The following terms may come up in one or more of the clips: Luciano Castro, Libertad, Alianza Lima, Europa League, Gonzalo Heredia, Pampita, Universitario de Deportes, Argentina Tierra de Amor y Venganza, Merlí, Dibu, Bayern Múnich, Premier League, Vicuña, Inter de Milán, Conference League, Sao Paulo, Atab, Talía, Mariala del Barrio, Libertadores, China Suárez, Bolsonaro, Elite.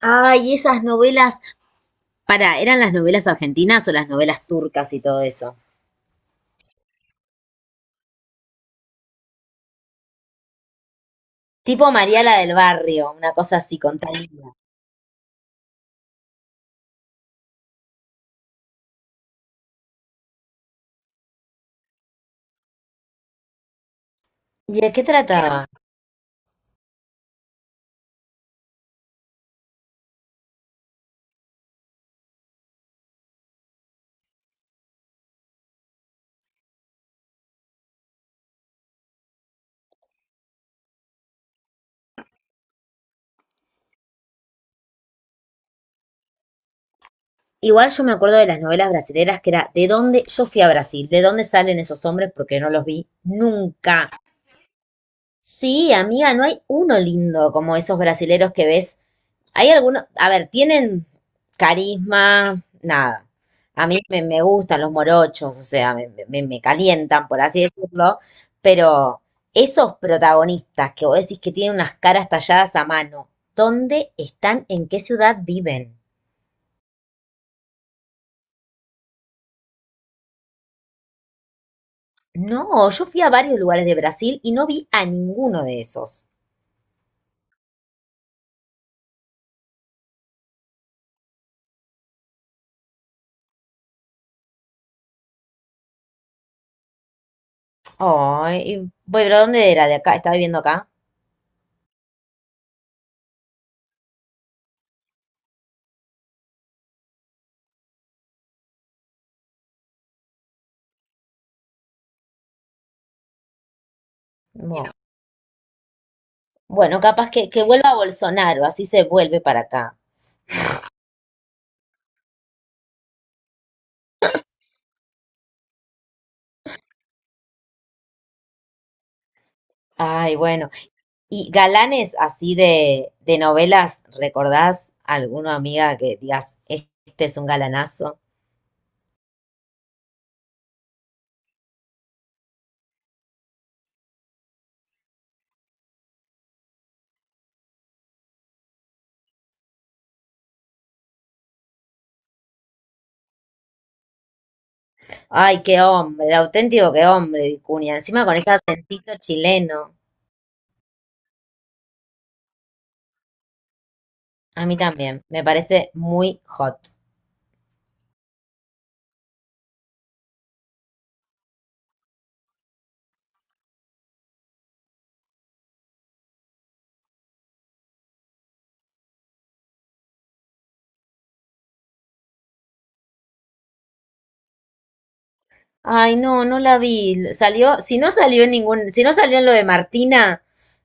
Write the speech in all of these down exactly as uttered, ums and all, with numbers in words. Ay, esas novelas. Para, ¿eran las novelas argentinas o las novelas turcas y todo eso? Tipo Mariala del Barrio, una cosa así con Talía. ¿Y de qué trataba? Igual yo me acuerdo de las novelas brasileras que era de dónde yo fui a Brasil, de dónde salen esos hombres porque no los vi nunca. Sí, amiga, no hay uno lindo como esos brasileros que ves. Hay algunos, a ver, tienen carisma, nada. A mí me, me gustan los morochos, o sea, me, me- me calientan, por así decirlo, pero esos protagonistas que vos decís que tienen unas caras talladas a mano, ¿dónde están? ¿En qué ciudad viven? No, yo fui a varios lugares de Brasil y no vi a ninguno de esos. Ay, y- bueno, pero ¿dónde era de acá? ¿Estaba viviendo acá? No. Bueno, capaz que, que vuelva a Bolsonaro, así se vuelve para acá. Ay, bueno. Y galanes así de, de novelas, ¿recordás alguna amiga que digas, este es un galanazo? Ay, qué hombre, el auténtico qué hombre, Vicuña. Encima con ese acentito chileno. A mí también, me parece muy hot. Ay, no, no la vi. Salió, si no salió en ningún, si no salió en lo de Martina,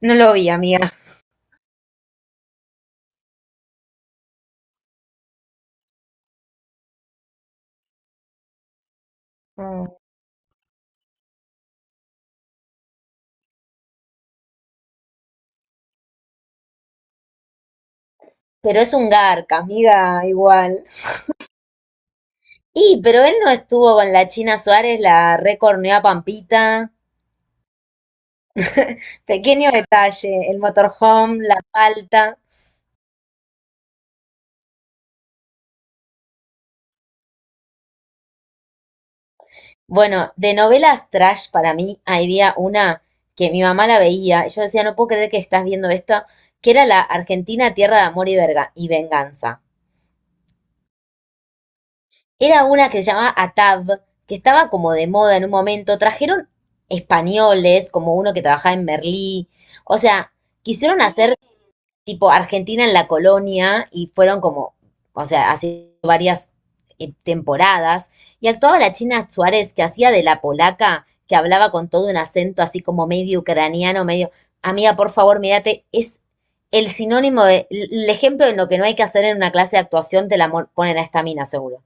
no lo vi, amiga. Mm. Pero es un garca, amiga, igual. Y, pero él no estuvo con la China Suárez, la recorneó a Pampita. Pequeño detalle, el motorhome, la palta. Bueno, de novelas trash para mí había una que mi mamá la veía y yo decía, no puedo creer que estás viendo esto, que era la Argentina Tierra de Amor y, Verga- y Venganza. Era una que se llamaba Atab, que estaba como de moda en un momento. Trajeron españoles, como uno que trabajaba en Merlí. O sea, quisieron hacer tipo Argentina en la colonia y fueron como, o sea, hace varias eh, temporadas y actuaba la China Suárez que hacía de la polaca que hablaba con todo un acento así como medio ucraniano, medio, amiga, por favor, mírate, es el sinónimo de, el ejemplo de lo que no hay que hacer en una clase de actuación, te la mon- ponen a esta mina, seguro.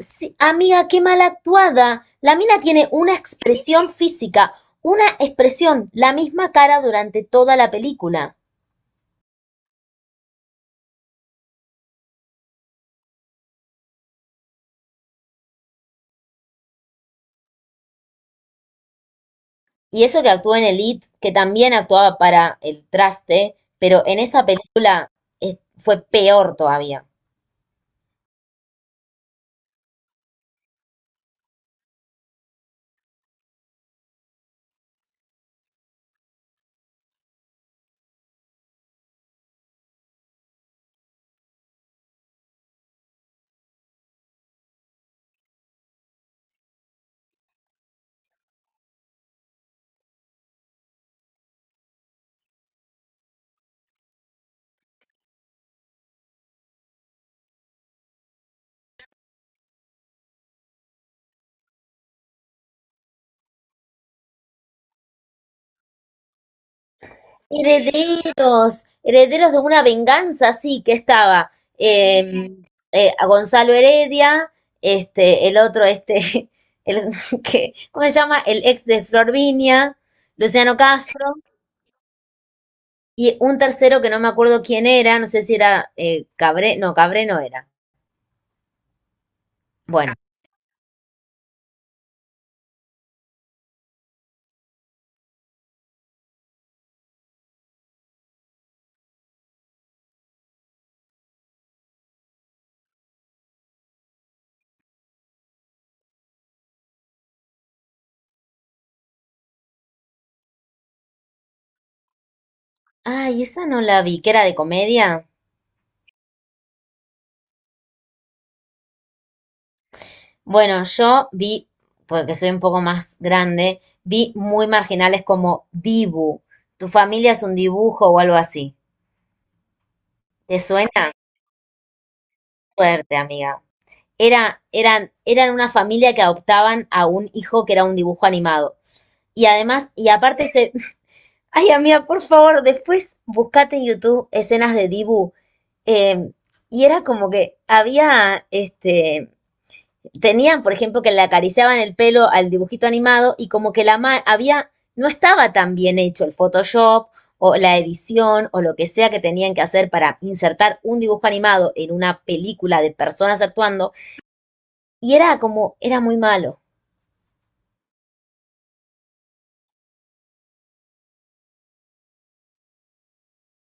Sí, amiga, qué mal actuada. La mina tiene una expresión física, una expresión, la misma cara durante toda la película. Y eso que actuó en Elite, que también actuaba para el traste, pero en esa película es- fue peor todavía. Herederos, herederos de una venganza, sí, que estaba eh, eh, a Gonzalo Heredia, este, el otro, este, el, que, ¿cómo se llama? El ex de Florvinia, Luciano Castro, y un tercero que no me acuerdo quién era, no sé si era eh, Cabré, no, Cabré no era. Bueno, ay, esa no la vi, que era de comedia. Bueno, yo vi, porque soy un poco más grande, vi muy marginales como Dibu. ¿Tu familia es un dibujo o algo así? ¿Te suena? Suerte, amiga. Era, eran, eran una familia que adoptaban a un hijo que era un dibujo animado. Y además, y aparte se... Ay, amiga, por favor, después buscate en YouTube escenas de Dibu. Eh, y era como que había, este, tenían, por ejemplo, que le acariciaban el pelo al dibujito animado y como que la ma- había, no estaba tan bien hecho el Photoshop o la edición o lo que sea que tenían que hacer para insertar un dibujo animado en una película de personas actuando y era como, era muy malo.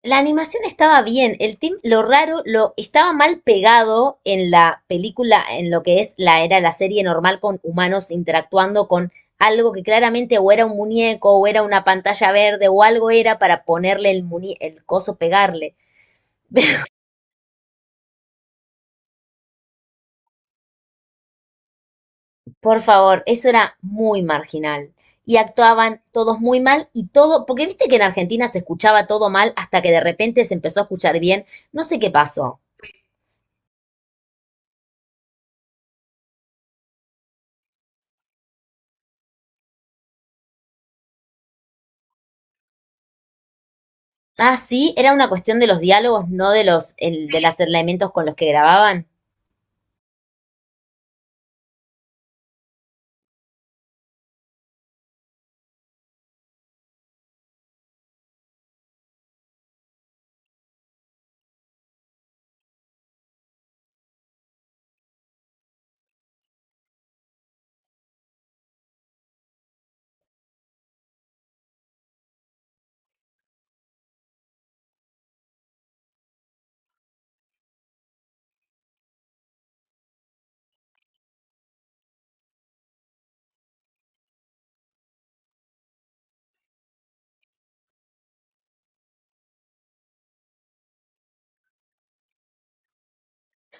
La animación estaba bien, el team, lo raro, lo estaba mal pegado en la película, en lo que es la era la serie normal con humanos interactuando con algo que claramente o era un muñeco o era una pantalla verde o algo era para ponerle el muñe- el coso pegarle. Por favor, eso era muy marginal. Y actuaban todos muy mal y todo, porque viste que en Argentina se escuchaba todo mal hasta que de repente se empezó a escuchar bien. No sé qué pasó. Ah, sí, era una cuestión de los diálogos, no de los, el- de los elementos con los que grababan.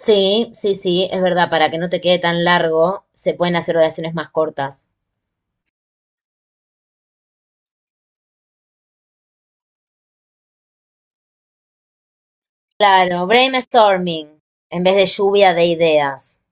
Sí, sí, sí, es verdad, para que no te quede tan largo, se pueden hacer oraciones más cortas. Claro, brainstorming, en vez de lluvia de ideas.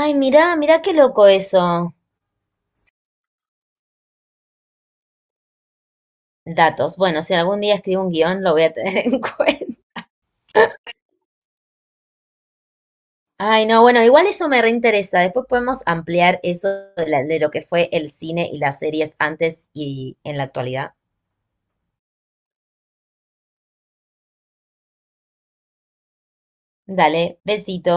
Ay, mirá, mirá qué loco eso. Datos. Bueno, si algún día escribo un guión, lo voy a tener en cuenta. Ay, no, bueno, igual eso me reinteresa. Después podemos ampliar eso de, la- de lo que fue el cine y las series antes y en la actualidad. Dale, besito.